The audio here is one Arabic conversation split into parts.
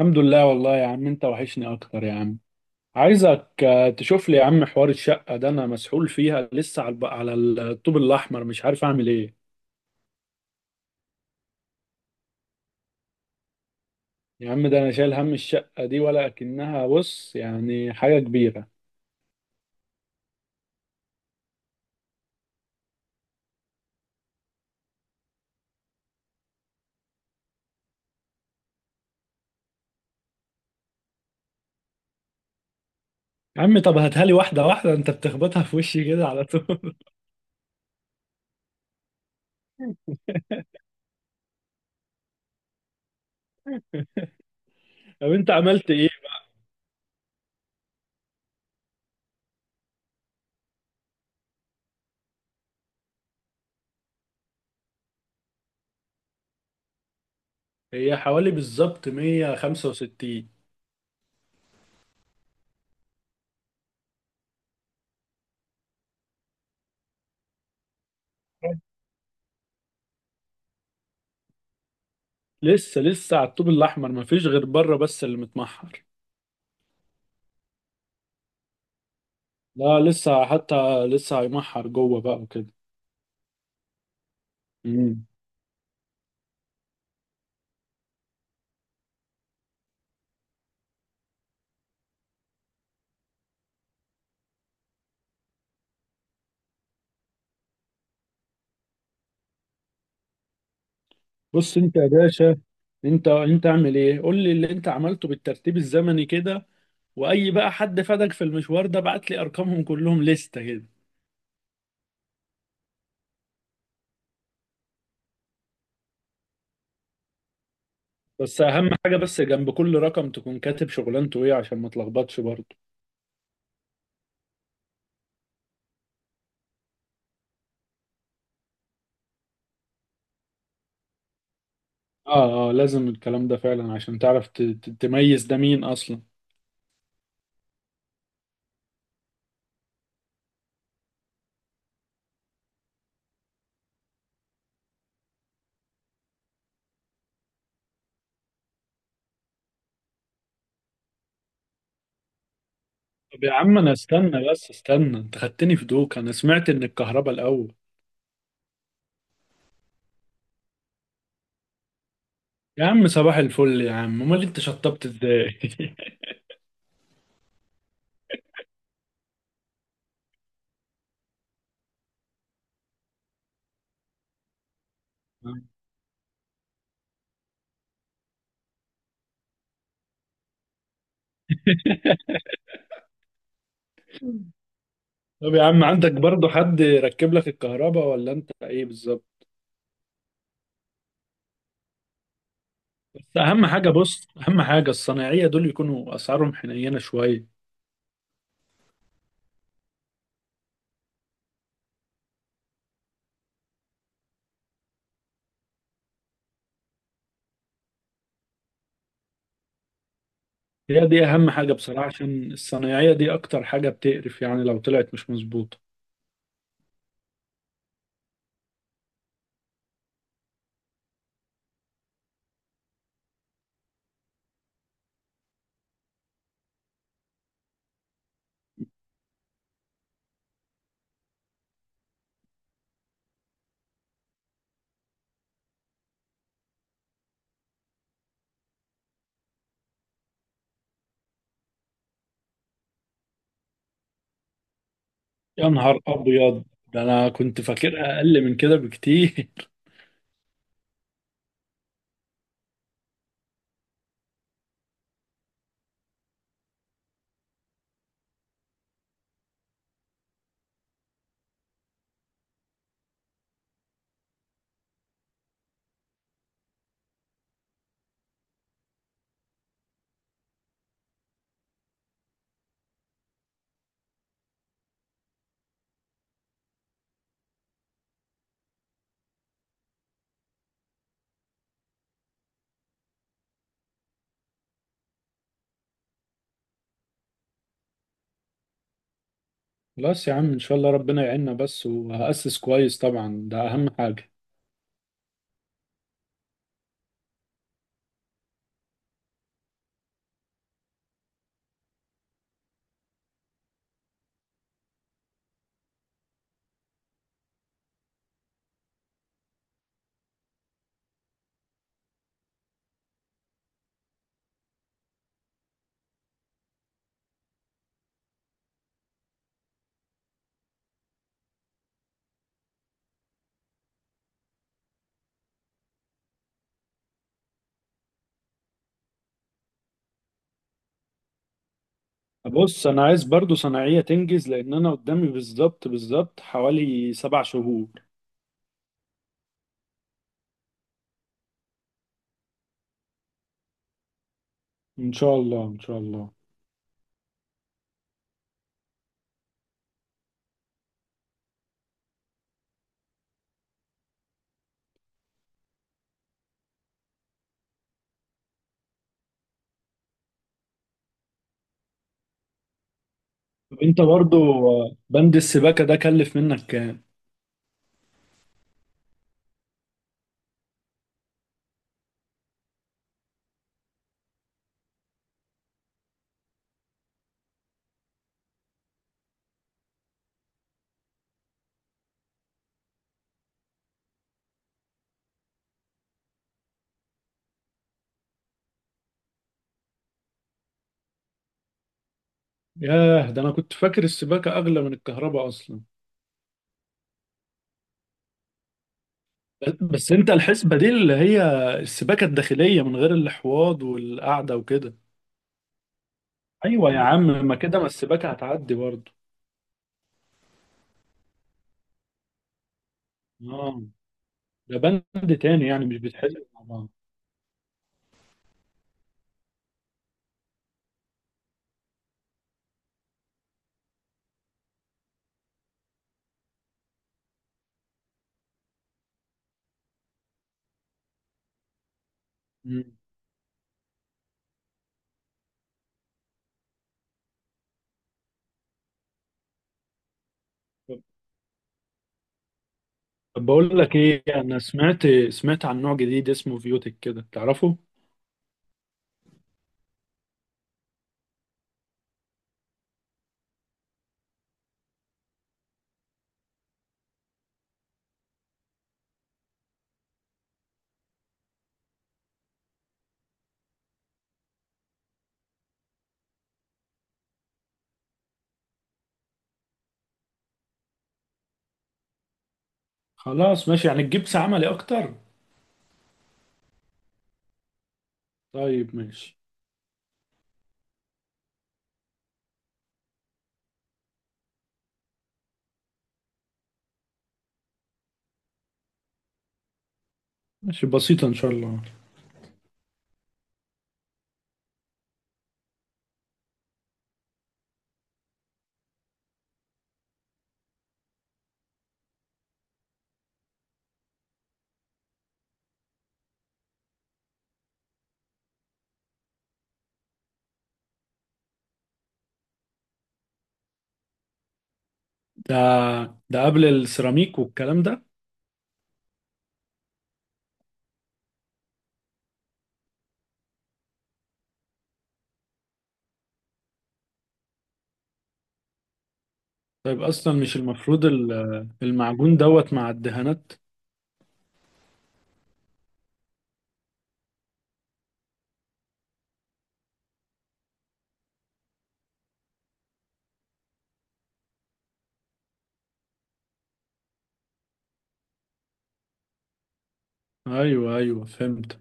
الحمد لله والله يا عم، انت وحشني اكتر يا عم. عايزك، تشوف لي يا عم حوار الشقة ده، انا مسحول فيها لسه على الطوب الاحمر، مش عارف اعمل ايه. يا عم ده انا شايل هم الشقة دي ولا اكنها، بص يعني حاجة كبيرة. يا عم طب هاتها لي واحدة واحدة، انت بتخبطها في وشي كده على طول. طب انت عملت ايه؟ هي حوالي بالظبط 165. لسه على الطوب الاحمر، مفيش غير بره بس اللي متمحر. لا لسه، حتى لسه هيمحر جوه بقى. وكده. بص انت يا باشا، انت اعمل ايه، قول لي اللي انت عملته بالترتيب الزمني كده، واي بقى حد فادك في المشوار ده بعت لي ارقامهم كلهم لستة كده. بس اهم حاجة، بس جنب كل رقم تكون كاتب شغلانته ايه عشان ما تلخبطش برضه. اه، اه، لازم الكلام ده فعلا عشان تعرف تميز ده مين اصلا. طب يا عم انا استنى بس استنى، انت خدتني في دوك، انا سمعت ان الكهرباء الاول. يا عم صباح الفل يا عم، امال انت شطبت ازاي؟ طب يا عم، عندك برضو حد يركب لك الكهرباء ولا انت ايه بالظبط؟ بس اهم حاجه، بص اهم حاجه الصنايعيه دول يكونوا اسعارهم حنينه شويه. هي دي اهم حاجه بصراحه، عشان الصنايعيه دي اكتر حاجه بتقرف يعني لو طلعت مش مظبوطه. يا نهار ابيض، ده انا كنت فاكرها اقل من كده بكتير. خلاص يا عم ان شاء الله ربنا يعيننا بس، وهأسس كويس طبعا، ده اهم حاجه. بص انا عايز برضو صناعيه تنجز لان انا قدامي بالظبط حوالي 7 شهور. ان شاء الله ان شاء الله. طب انت برضو، بند السباكة ده كلف منك كام؟ ياه، ده انا كنت فاكر السباكة اغلى من الكهرباء اصلا. بس انت الحسبة دي اللي هي السباكة الداخلية من غير الحواض والقعدة وكده. ايوه يا عم، ما كده ما السباكة هتعدي برضو. اه، ده بند تاني يعني مش بيتحسب مع بعض. مم. طب طب بقول لك ايه، انا سمعت عن نوع جديد اسمه فيوتك كده، تعرفه؟ خلاص ماشي، يعني تجيب عملي اكتر؟ طيب ماشي. ماشي بسيطة ان شاء الله. ده ده قبل السيراميك والكلام ده؟ طيب اصلا مش المفروض المعجون دوت مع الدهانات؟ ايوه، ايوه، فهمت.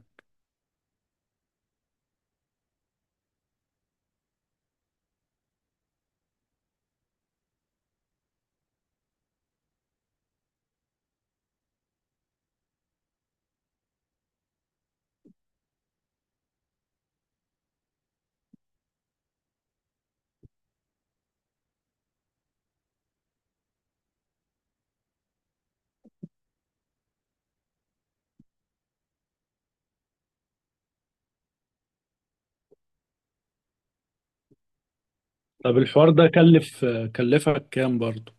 طب الحوار ده كلفك كام برضو؟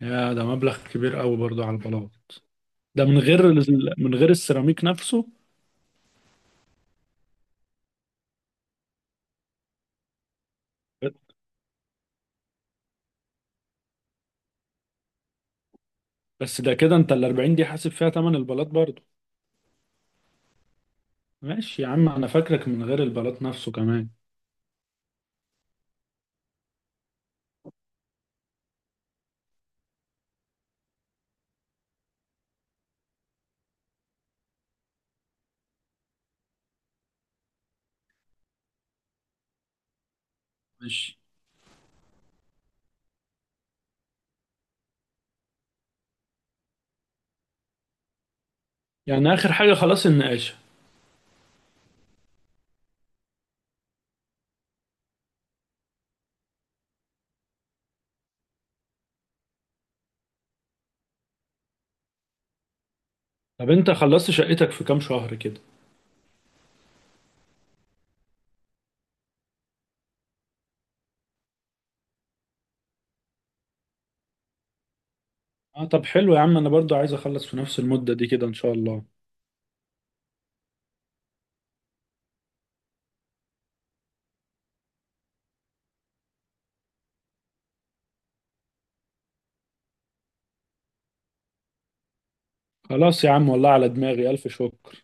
يا، ده مبلغ كبير قوي برضو على البلاط. ده من غير السيراميك نفسه. بس ده كده، انت ال 40 دي حاسب فيها تمن البلاط برضو؟ ماشي يا عم، انا فاكرك من غير البلاط نفسه كمان. ماشي، يعني اخر حاجة خلاص النقاشة؟ طب انت خلصت شقتك في كام شهر كده؟ اه طب حلو يا عم، انا برضو عايز اخلص في نفس المدة دي كده ان شاء الله. خلاص يا عم، والله على دماغي الف شكر.